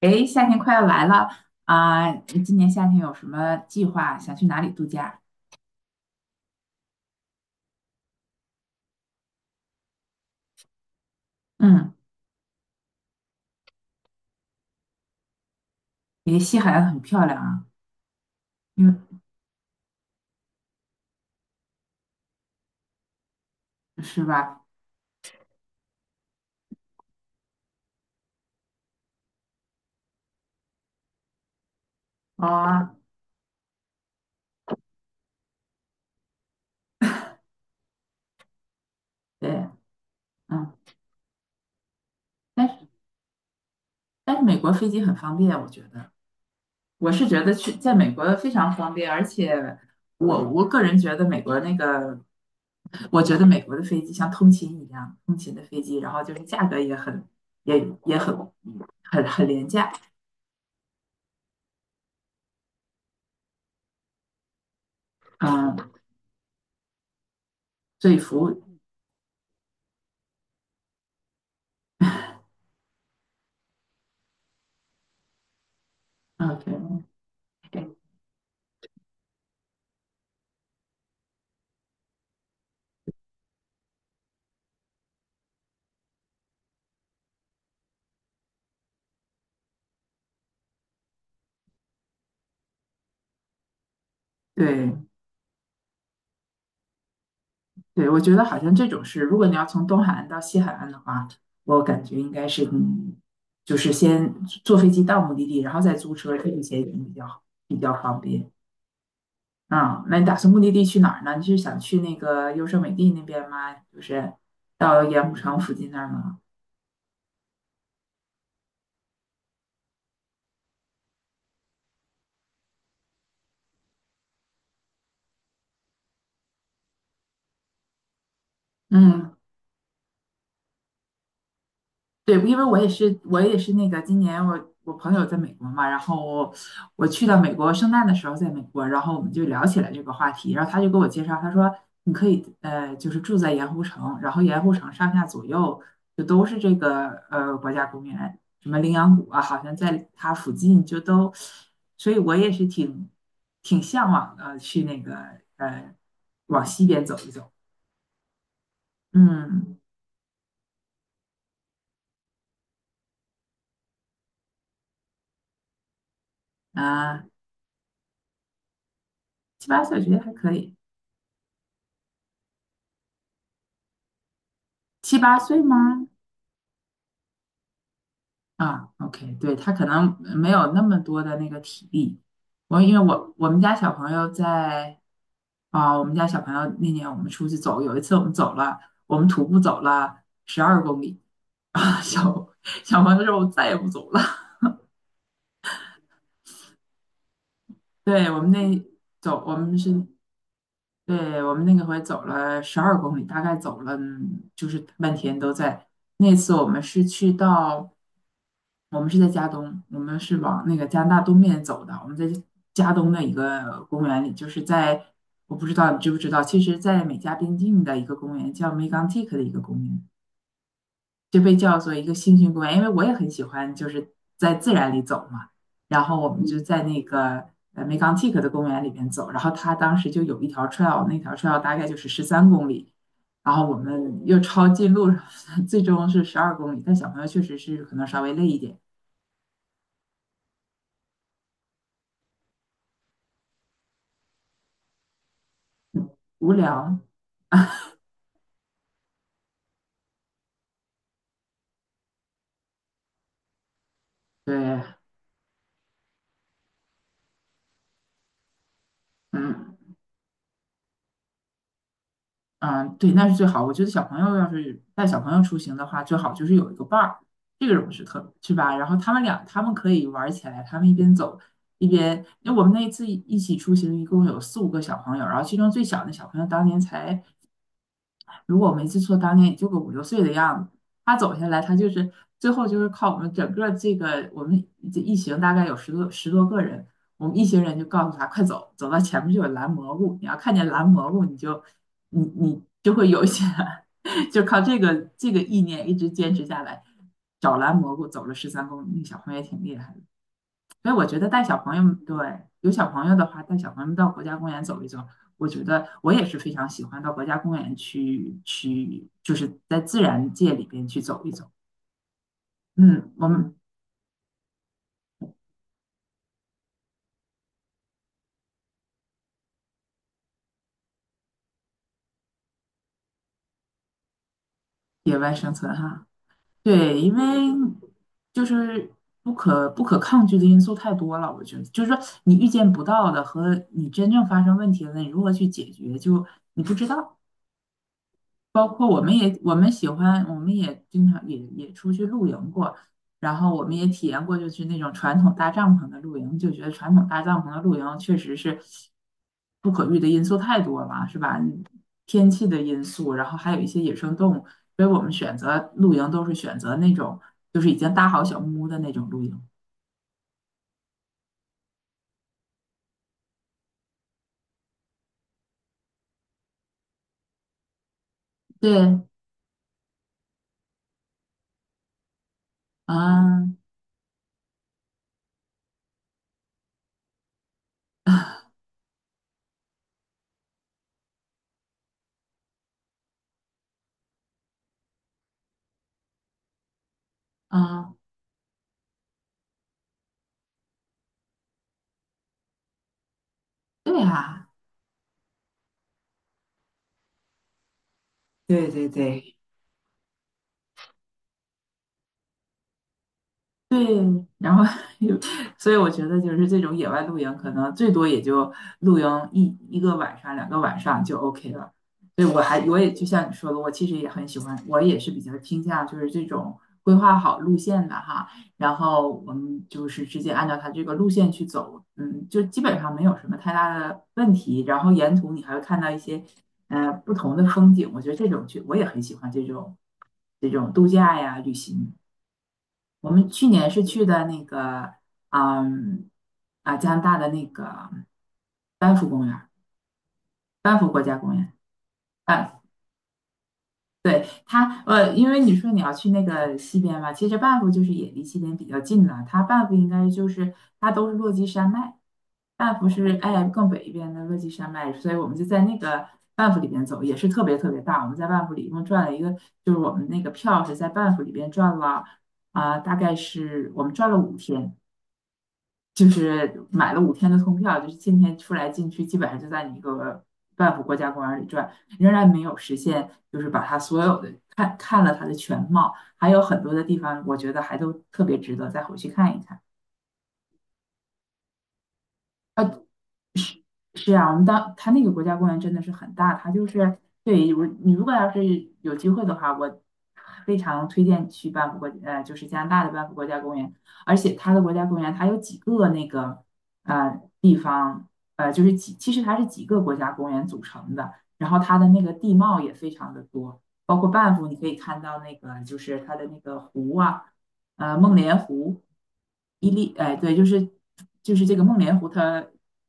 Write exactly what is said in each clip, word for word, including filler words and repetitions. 诶，夏天快要来了啊。你今年夏天有什么计划？想去哪里度假？嗯，因为西海岸很漂亮啊，因为是吧？啊，对，嗯，但是但是美国飞机很方便，我觉得。我是觉得去在美国非常方便，而且我我个人觉得美国那个，我觉得美国的飞机像通勤一样，通勤的飞机，然后就是价格也很也也很很很廉价。嗯，所以服务。嗯，对对。对，我觉得好像这种是，如果你要从东海岸到西海岸的话，我感觉应该是，嗯，就是先坐飞机到目的地，然后再租车，这一些也比较好比较方便。啊，那你打算目的地去哪儿呢？你是想去那个优胜美地那边吗？就是到盐湖城附近那儿吗？嗯，对，因为我也是，我也是那个今年我我朋友在美国嘛。然后我去到美国圣诞的时候在美国，然后我们就聊起来这个话题，然后他就给我介绍，他说你可以呃就是住在盐湖城，然后盐湖城上下左右就都是这个呃国家公园，什么羚羊谷啊，好像在它附近就都。所以我也是挺挺向往的去那个呃往西边走一走。嗯啊，七八岁我觉得还可以，七八岁吗？啊，OK，对，他可能没有那么多的那个体力。我因为我我们家小朋友在啊，我们家小朋友那年我们出去走，有一次我们走了，我们徒步走了十二公里啊，小小朋友说我再也不走了。对，我们那走，我们是，对，我们那个回走了十二公里，大概走了嗯就是半天都在。那次我们是去到。我们是在加东，我们是往那个加拿大东面走的。我们在加东的一个公园里，就是在我不知道你知不知道，其实，在美加边境的一个公园叫 Megantic 的一个公园，就被叫做一个星星公园，因为我也很喜欢就是在自然里走嘛。然后我们就在那个呃 Megantic 的公园里面走，然后它当时就有一条 trail，那条 trail 大概就是十三公里。然后我们又抄近路。最终是十二公里，但小朋友确实是可能稍微累一点。无聊。对，嗯嗯，对，那是最好。我觉得小朋友要是带小朋友出行的话，最好就是有一个伴儿，这个不是特是吧？然后他们俩他们可以玩起来，他们一边走一边，因为我们那一次一一起出行，一共有四五个小朋友，然后其中最小的小朋友当年才如果我没记错，当年也就个五六岁的样子。他走下来，他就是最后就是靠我们整个这个我们这一行大概有十多十多个人，我们一行人就告诉他快走，走到前面就有蓝蘑菇，你要看见蓝蘑菇，你就你你就会有一些 就靠这个这个意念一直坚持下来，找蓝蘑菇走了十三公里，那小朋友也挺厉害的。所以我觉得带小朋友，对，有小朋友的话，带小朋友到国家公园走一走，我觉得我也是非常喜欢到国家公园去去，就是在自然界里边去走一走。嗯，我们野外生存哈。对，因为就是不可不可抗拒的因素太多了，我觉得就是说你预见不到的和你真正发生问题了，你如何去解决，就你不知道。包括我们也我们喜欢，我们也经常也也出去露营过，然后我们也体验过就是那种传统搭帐篷的露营，就觉得传统搭帐篷的露营确实是不可遇的因素太多了，是吧？天气的因素，然后还有一些野生动物，所以我们选择露营都是选择那种就是已经搭好小木屋的那种露营。对，啊啊，对啊，对对对对，然后所以我觉得就是这种野外露营，可能最多也就露营一一个晚上、两个晚上就 OK 了。对，我还我也就像你说的，我其实也很喜欢，我也是比较倾向就是这种规划好路线的哈，然后我们就是直接按照它这个路线去走，嗯，就基本上没有什么太大的问题。然后沿途你还会看到一些呃不同的风景，我觉得这种去我也很喜欢这种这种度假呀旅行。我们去年是去的那个，嗯，啊，加拿大的那个班夫公园儿班夫国家公园。啊，对。它，呃，因为你说你要去那个西边嘛，其实班夫就是也离西边比较近了。它班夫应该就是它都是落基山脉，班夫是哎更北一边的落基山脉，所以我们就在那个班夫里边走，也是特别特别大。我们在班夫里一共转了一个，就是我们那个票是在班夫里边转了啊、大概是我们转了五天。就是买了五天的通票，就是今天出来进去，基本上就在你一个半幅国家公园里转，仍然没有实现，就是把它所有的看看了它的全貌，还有很多的地方，我觉得还都特别值得再回去看一看。啊，是啊，我们当它那个国家公园真的是很大，它就是对我你如果要是有机会的话，我非常推荐去班夫国呃就是加拿大的班夫国家公园，而且它的国家公园它有几个那个呃地方呃就是几其实它是几个国家公园组成的，然后它的那个地貌也非常的多，包括班夫你可以看到那个就是它的那个湖啊。呃，梦莲湖、伊利，哎，对，就是就是这个梦莲湖它，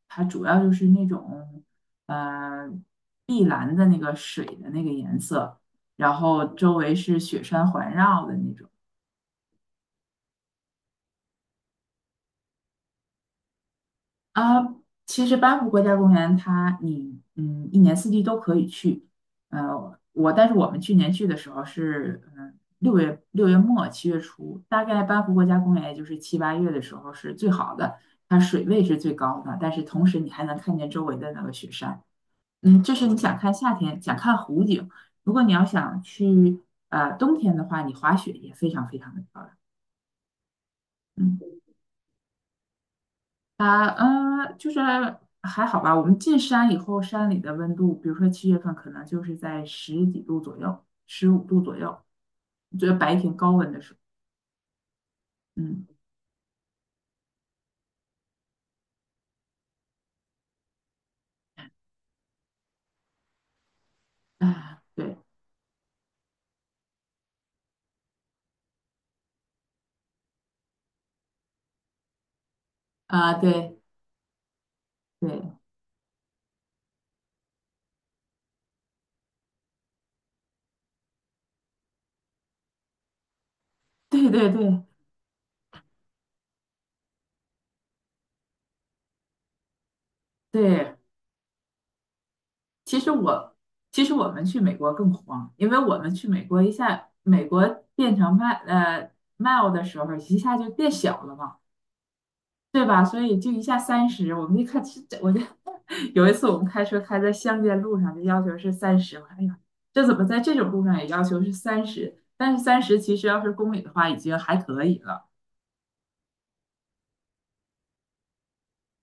它主要就是那种呃碧蓝的那个水的那个颜色，然后周围是雪山环绕的那种。啊，其实班夫国家公园它你嗯一年四季都可以去。呃，我但是我们去年去的时候是嗯六月六月末七月初，大概班夫国家公园也就是七八月的时候是最好的，它水位是最高的，但是同时你还能看见周围的那个雪山。嗯，这是你想看夏天想看湖景。如果你要想去呃冬天的话，你滑雪也非常非常的漂亮。嗯。啊，呃，就是还好吧。我们进山以后，山里的温度，比如说七月份，可能就是在十几度左右，十五度左右，觉得白天高温的时候。嗯，啊，对，啊，对，对，对，对，对，对。其实我，其实我们去美国更慌，因为我们去美国一下，美国变成迈呃 mile 的时候，一下就变小了嘛，对吧？所以就一下三十，我们一看，这这我就有一次我们开车开在乡间路上，就要求是三十。我说，哎呀，这怎么在这种路上也要求是三十？但是三十其实要是公里的话，已经还可以了。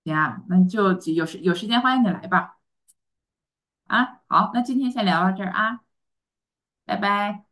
行啊，那就有时有时间欢迎你来吧。啊，好，那今天先聊到这儿啊。拜拜。